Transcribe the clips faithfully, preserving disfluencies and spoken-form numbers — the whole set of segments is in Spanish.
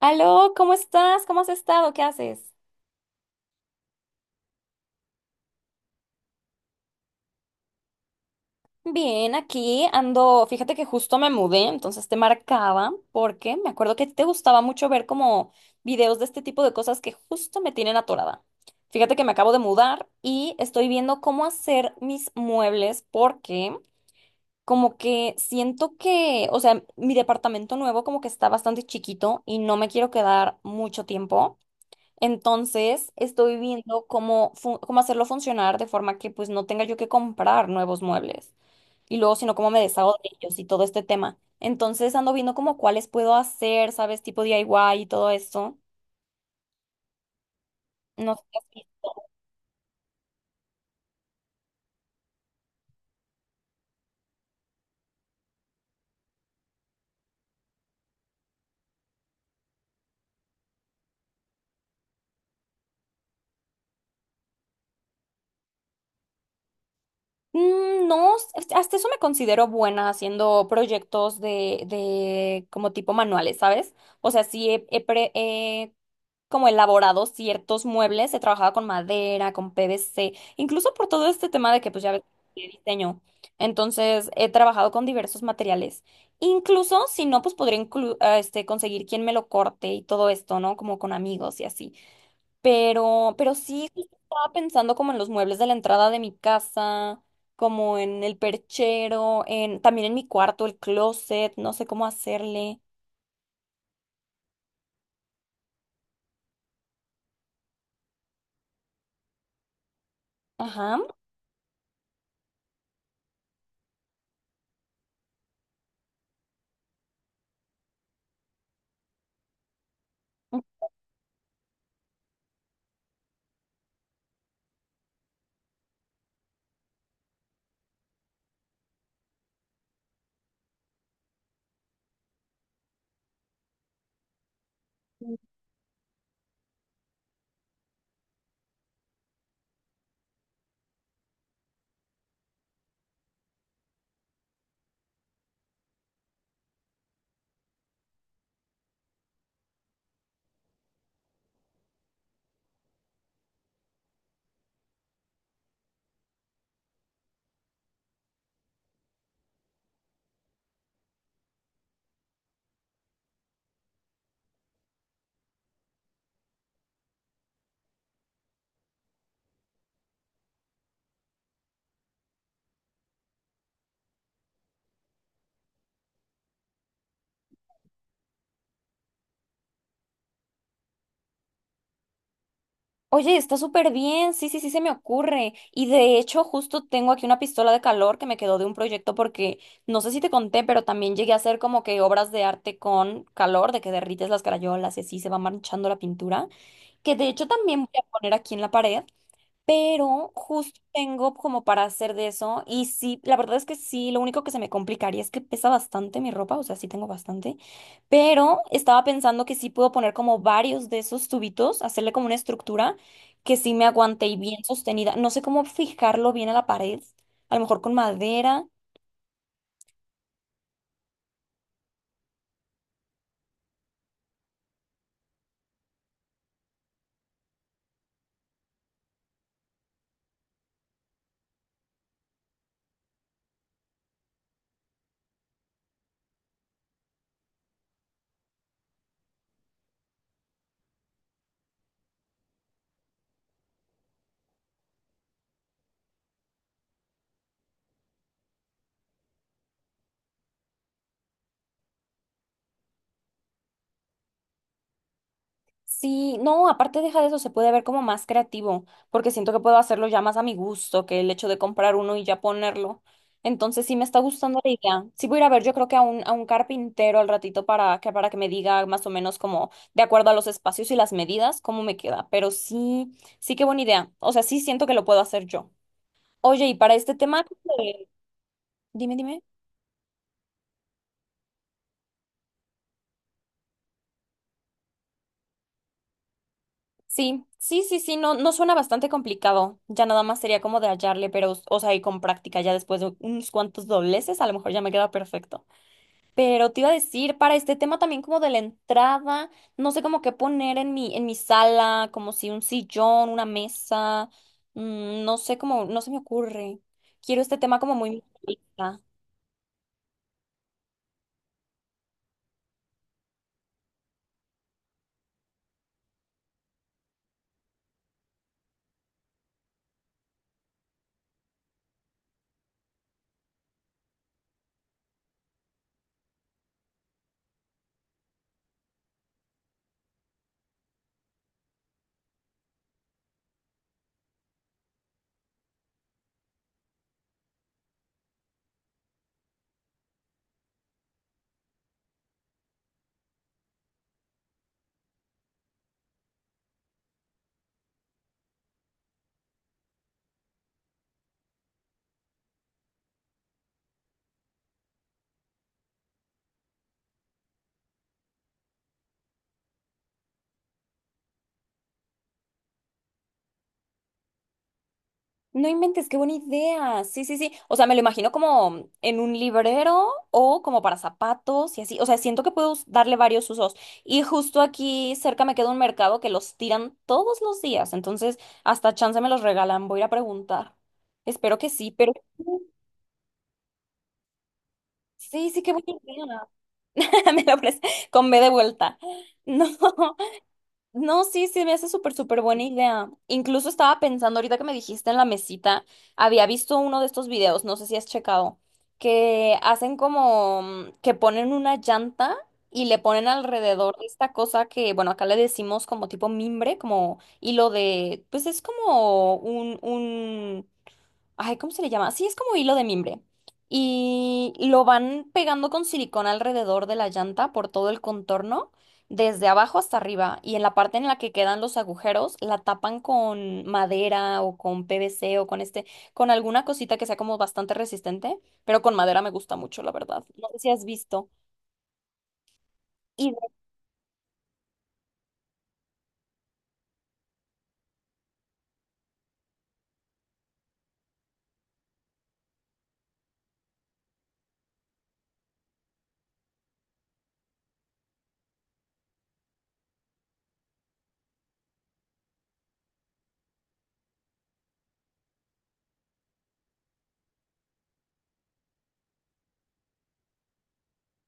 Aló, ¿cómo estás? ¿Cómo has estado? ¿Qué haces? Bien, aquí ando, fíjate que justo me mudé, entonces te marcaba porque me acuerdo que te gustaba mucho ver como videos de este tipo de cosas que justo me tienen atorada. Fíjate que me acabo de mudar y estoy viendo cómo hacer mis muebles porque como que siento que, o sea, mi departamento nuevo como que está bastante chiquito y no me quiero quedar mucho tiempo. Entonces, estoy viendo cómo, fu- cómo hacerlo funcionar de forma que pues no tenga yo que comprar nuevos muebles y luego, sino cómo me deshago de ellos y todo este tema. Entonces, ando viendo como cuáles puedo hacer, ¿sabes? Tipo DIY y y todo esto. No sé. Si Mm, no, hasta hasta eso me considero buena haciendo proyectos de, de como tipo manuales, ¿sabes? O sea, sí he, he pre- he como elaborado ciertos muebles, he trabajado con madera, con P V C, incluso por todo este tema de que pues ya ves que diseño. Entonces, he trabajado con diversos materiales. Incluso si no, pues podría inclu- ah, este, conseguir quien me lo corte y todo esto, ¿no? Como con amigos y así. Pero, pero sí justo estaba pensando como en los muebles de la entrada de mi casa, como en el perchero, en, también en mi cuarto, el closet, no sé cómo hacerle. Ajá. Oye, está súper bien. Sí, sí, sí, se me ocurre. Y de hecho, justo tengo aquí una pistola de calor que me quedó de un proyecto porque no sé si te conté, pero también llegué a hacer como que obras de arte con calor, de que derrites las crayolas y así se va manchando la pintura. Que de hecho también voy a poner aquí en la pared. Pero justo tengo como para hacer de eso y sí, la verdad es que sí, lo único que se me complicaría es que pesa bastante mi ropa, o sea, sí tengo bastante, pero estaba pensando que sí puedo poner como varios de esos tubitos, hacerle como una estructura que sí me aguante y bien sostenida. No sé cómo fijarlo bien a la pared, a lo mejor con madera. Sí, no, aparte deja de eso, se puede ver como más creativo, porque siento que puedo hacerlo ya más a mi gusto que el hecho de comprar uno y ya ponerlo. Entonces sí me está gustando la idea. Sí voy a ir a ver, yo creo que a un, a un carpintero al ratito para que, para que me diga más o menos como de acuerdo a los espacios y las medidas, cómo me queda. Pero sí, sí qué buena idea. O sea, sí siento que lo puedo hacer yo. Oye, y para este tema, eh, dime, dime. Sí, sí, sí, sí, no, no suena bastante complicado. Ya nada más sería como de hallarle, pero, o sea, y con práctica, ya después de unos cuantos dobleces, a lo mejor ya me queda perfecto. Pero te iba a decir, para este tema también como de la entrada, no sé como qué poner en mi, en mi sala, como si un sillón, una mesa, mm, no sé cómo, no se me ocurre. Quiero este tema como muy minimalista. No inventes, qué buena idea. Sí, sí, sí. O sea, me lo imagino como en un librero o como para zapatos y así. O sea, siento que puedo us- darle varios usos. Y justo aquí cerca me queda un mercado que los tiran todos los días. Entonces, hasta chance me los regalan. Voy a ir a preguntar. Espero que sí, pero sí, sí, qué buena idea. Me lo pres- con B de vuelta. No. No, sí, sí, me hace súper, súper buena idea. Incluso estaba pensando ahorita que me dijiste en la mesita, había visto uno de estos videos, no sé si has checado, que hacen como mm, que ponen una llanta y le ponen alrededor de esta cosa que, bueno, acá le decimos como tipo mimbre, como hilo de, pues es como un, un Ay, ¿cómo se le llama? Sí, es como hilo de mimbre. Y lo van pegando con silicona alrededor de la llanta por todo el contorno, desde abajo hasta arriba. Y en la parte en la que quedan los agujeros, la tapan con madera o con P V C o con este, con alguna cosita que sea como bastante resistente. Pero con madera me gusta mucho, la verdad. No sé si has visto.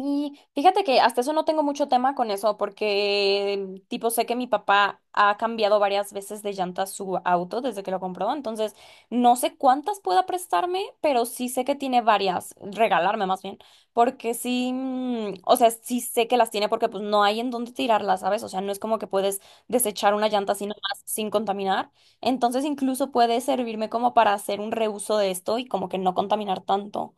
Y fíjate que hasta eso no tengo mucho tema con eso, porque tipo sé que mi papá ha cambiado varias veces de llanta su auto desde que lo compró, entonces no sé cuántas pueda prestarme, pero sí sé que tiene varias, regalarme más bien, porque sí, mm, o sea, sí sé que las tiene porque pues no hay en dónde tirarlas, ¿sabes? O sea, no es como que puedes desechar una llanta así nomás sin contaminar, entonces incluso puede servirme como para hacer un reuso de esto y como que no contaminar tanto.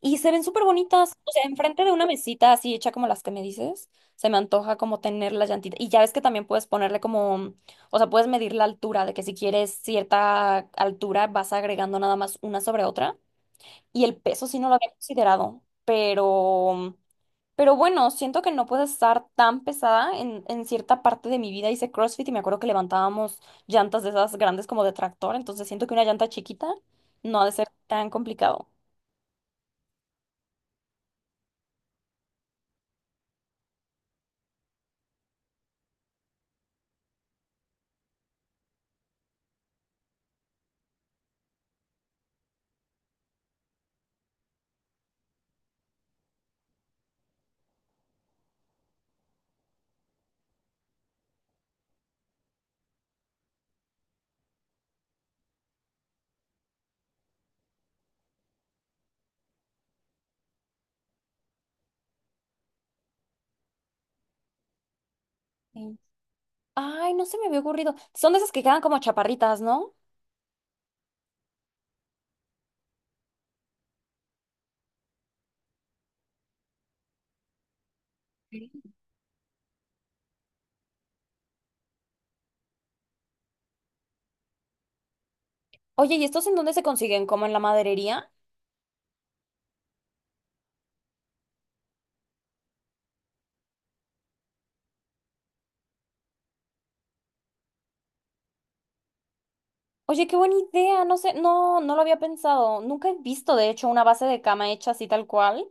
Y se ven súper bonitas, o sea, enfrente de una mesita así hecha como las que me dices, se me antoja como tener la llantita. Y ya ves que también puedes ponerle como, o sea, puedes medir la altura, de que si quieres cierta altura vas agregando nada más una sobre otra. Y el peso sí no lo había considerado, pero, pero bueno, siento que no puedo estar tan pesada. En, en cierta parte de mi vida hice CrossFit y me acuerdo que levantábamos llantas de esas grandes como de tractor, entonces siento que una llanta chiquita no ha de ser tan complicado. Sí. Ay, no se me había ocurrido. Son de esas que quedan como chaparritas, ¿no? Sí. Oye, ¿y estos en dónde se consiguen? ¿Como en la maderería? Oye, qué buena idea. No sé, no, no lo había pensado. Nunca he visto, de hecho, una base de cama hecha así tal cual,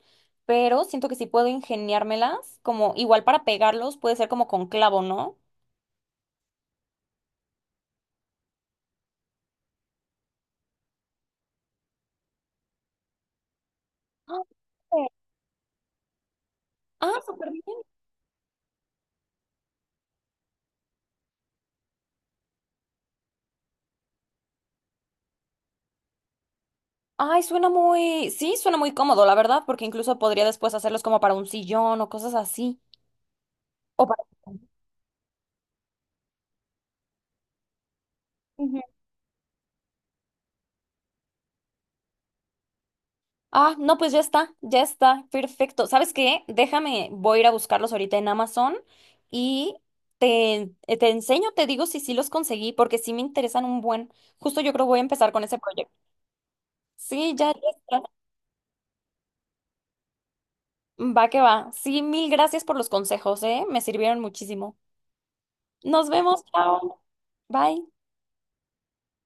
pero siento que sí puedo ingeniármelas, como igual para pegarlos, puede ser como con clavo, ¿no? Ah, súper. Ah, súper bien. Ay, suena muy, sí, suena muy cómodo, la verdad, porque incluso podría después hacerlos como para un sillón o cosas así. O para... Ujú. Ah, no, pues ya está, ya está, perfecto. ¿Sabes qué? Déjame, voy a ir a buscarlos ahorita en Amazon y te, eh, te enseño, te digo si sí los conseguí, porque sí me interesan un buen. Justo yo creo voy a empezar con ese proyecto. Sí, ya, ya está. Va que va. Sí, mil gracias por los consejos, ¿eh? Me sirvieron muchísimo. Nos vemos, chao. Bye.